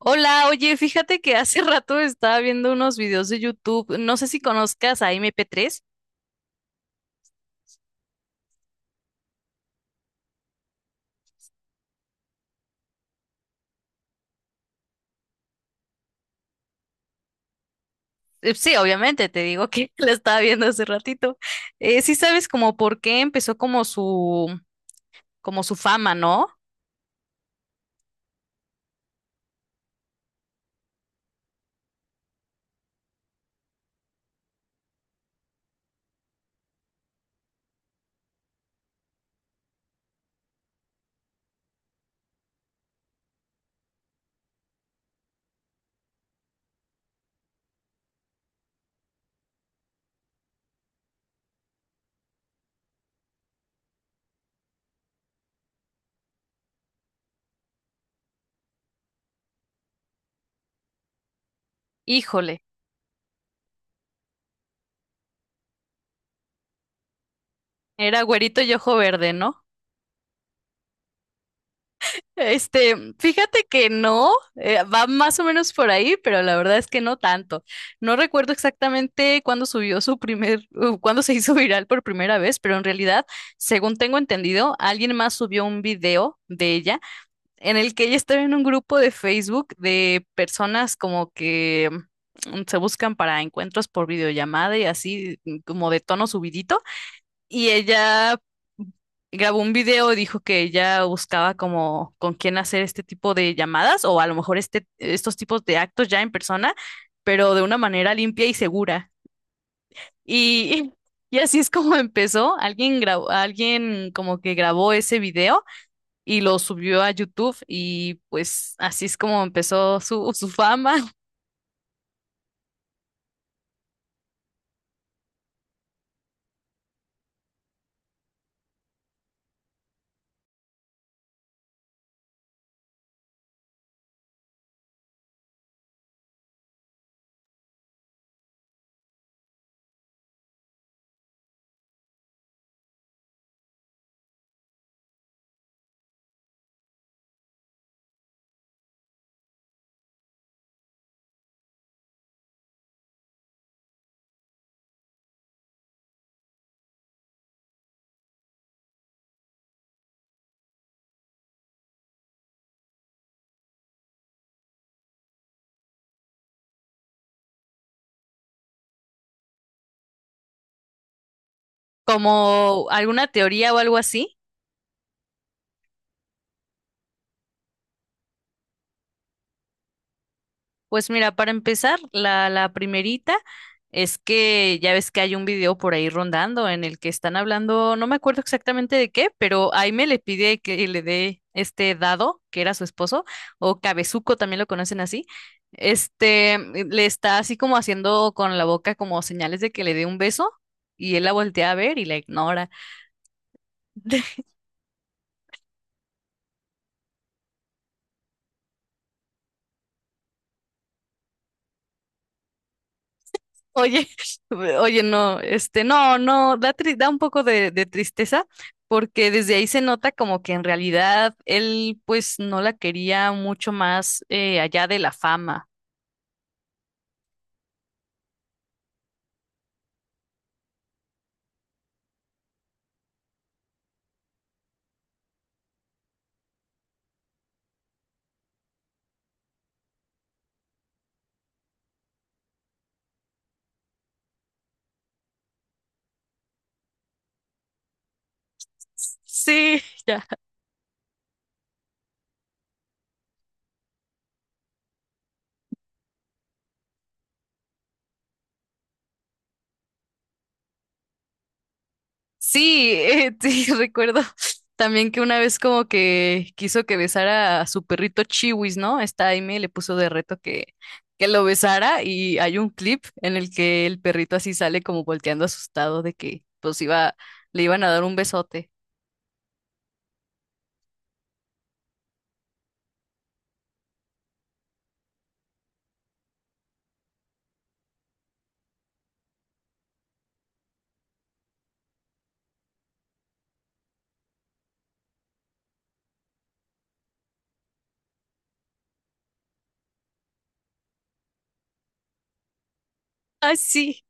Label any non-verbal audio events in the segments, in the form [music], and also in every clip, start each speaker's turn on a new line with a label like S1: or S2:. S1: Hola, oye, fíjate que hace [laughs] rato estaba viendo unos videos de YouTube. No sé si conozcas a MP3. Sí, obviamente, te digo que [laughs] la estaba viendo hace ratito. Sí sabes como por qué empezó como como su fama, ¿no? Híjole, era güerito y ojo verde, ¿no? Este, fíjate que no, va más o menos por ahí, pero la verdad es que no tanto. No recuerdo exactamente cuándo subió su primer, cuándo se hizo [laughs] viral por primera vez, pero en realidad, según tengo entendido, alguien más subió un video de ella en el que ella estaba en un grupo de Facebook de personas como que se buscan para encuentros por videollamada y así como de tono subidito. Y ella grabó un video y dijo que ella buscaba como con quién hacer este tipo de llamadas o a lo mejor este, estos tipos de actos ya en persona, pero de una manera limpia y segura. Y, [laughs] y así es como empezó. Alguien grabó, alguien como que grabó ese video y lo subió a YouTube y pues así es como empezó [laughs] su fama, como alguna teoría o algo así. Pues mira, para empezar, la primerita es que ya ves que hay un video por ahí rondando en el que están hablando, no me acuerdo exactamente de qué, pero Aime le pide que le dé este Dado, que era su esposo, o Cabezuco, también lo conocen así. Este le está así como haciendo con la boca como señales de que le dé un beso y él la voltea a ver y la ignora. [laughs] Oye, [laughs] oye, no, este, no, no, da un poco de tristeza porque desde ahí se nota como que en realidad él pues no la quería mucho más allá de la fama. Sí, [laughs] ya. Sí, [laughs] sí, recuerdo también que una vez como que quiso que besara a su perrito Chiwis, ¿no? Esta Aime le puso de reto que lo besara y hay un clip en el que el perrito así sale como volteando asustado de que le iban a dar un besote. Ah, sí.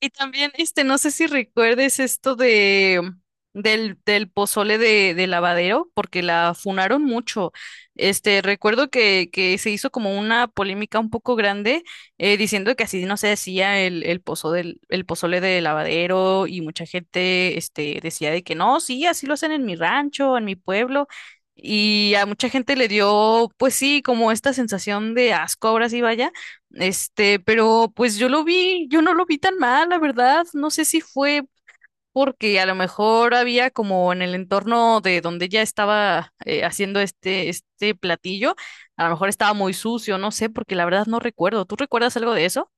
S1: Y también, este, no sé si recuerdes esto de del pozole de Lavadero, porque la funaron mucho. Este, recuerdo que se hizo como una polémica un poco grande, diciendo que así no se hacía el el pozole de Lavadero, y mucha gente, este, decía de que no, sí, así lo hacen en mi rancho, en mi pueblo. Y a mucha gente le dio, pues sí, como esta sensación de asco, ahora sí vaya este, pero pues yo lo vi, yo no lo vi tan mal, la verdad. No sé si fue porque a lo mejor había como en el entorno de donde ella estaba haciendo este platillo, a lo mejor estaba muy sucio, no sé, porque la verdad no recuerdo. ¿Tú recuerdas algo de eso?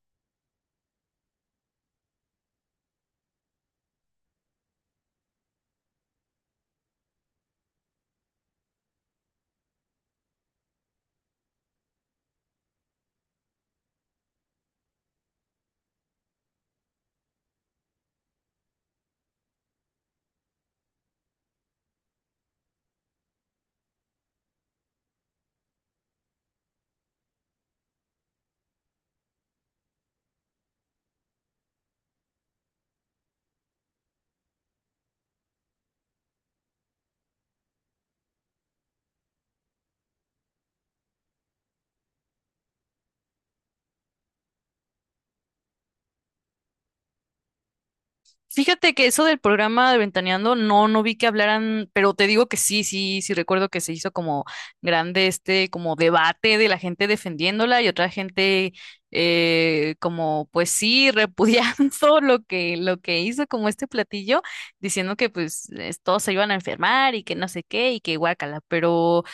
S1: Fíjate que eso del programa de Ventaneando, no, no vi que hablaran, pero te digo que sí, sí, sí recuerdo que se hizo como grande este como debate de la gente defendiéndola y otra gente como pues sí repudiando [laughs] lo que hizo como este platillo, diciendo que pues todos se iban a enfermar y que no sé qué y que guácala, pero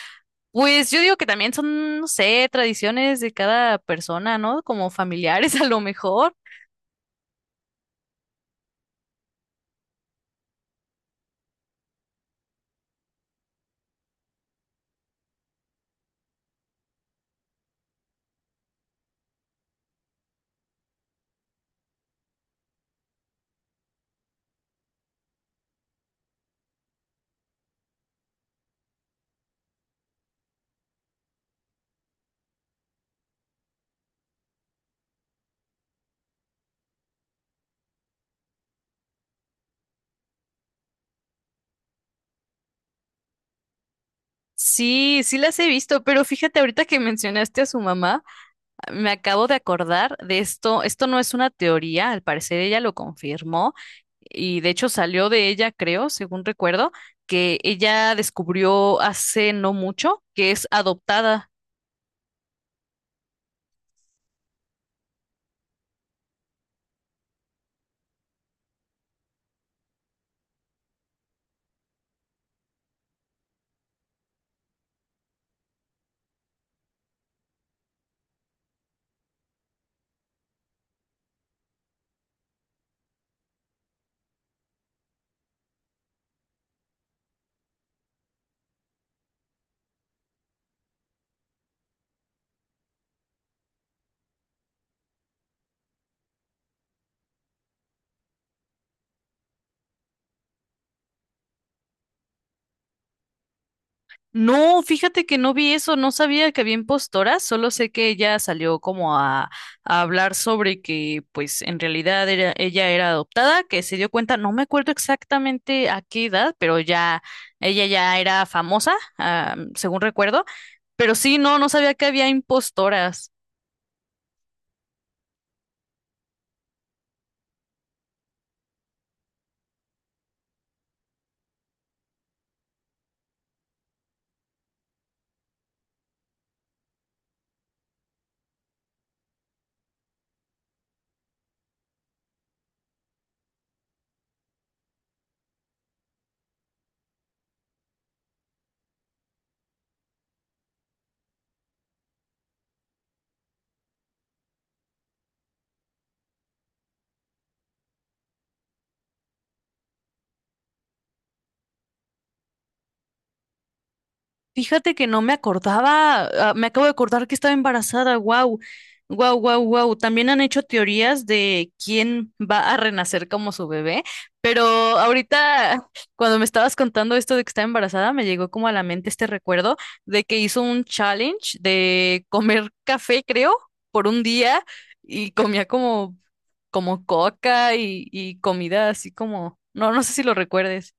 S1: pues yo digo que también son, no sé, tradiciones de cada persona, ¿no? Como familiares [laughs] a lo mejor. Sí, sí las he visto, pero fíjate, ahorita que mencionaste a su mamá, me acabo de acordar de esto. Esto no es una teoría, al parecer ella lo confirmó y de hecho salió de ella, creo, según recuerdo, que ella descubrió hace no mucho que es adoptada. No, fíjate que no vi eso, no sabía que había impostoras, solo sé que ella salió como a hablar sobre que pues en realidad era, ella era adoptada, que se dio cuenta, no me acuerdo exactamente a qué edad, pero ya ella ya era famosa, ah, según recuerdo, pero sí, no, no sabía que había impostoras. Fíjate que no me acordaba, ah, me acabo de acordar que estaba embarazada, wow, wow, wow, wow. También han hecho teorías de quién va a renacer como su bebé, pero ahorita cuando me estabas contando esto de que estaba embarazada, me llegó como a la mente este recuerdo de que hizo un challenge de comer café, creo, por un día y comía como, como coca y comida así como, no, no sé si lo recuerdes.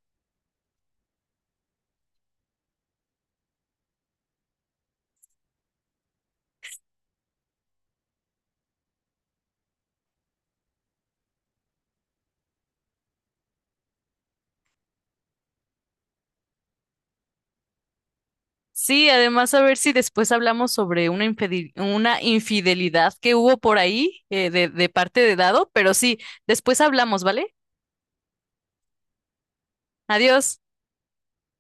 S1: Sí, además a ver si después hablamos sobre una infidelidad que hubo por ahí de parte de Dado, pero sí, después hablamos, ¿vale? Adiós.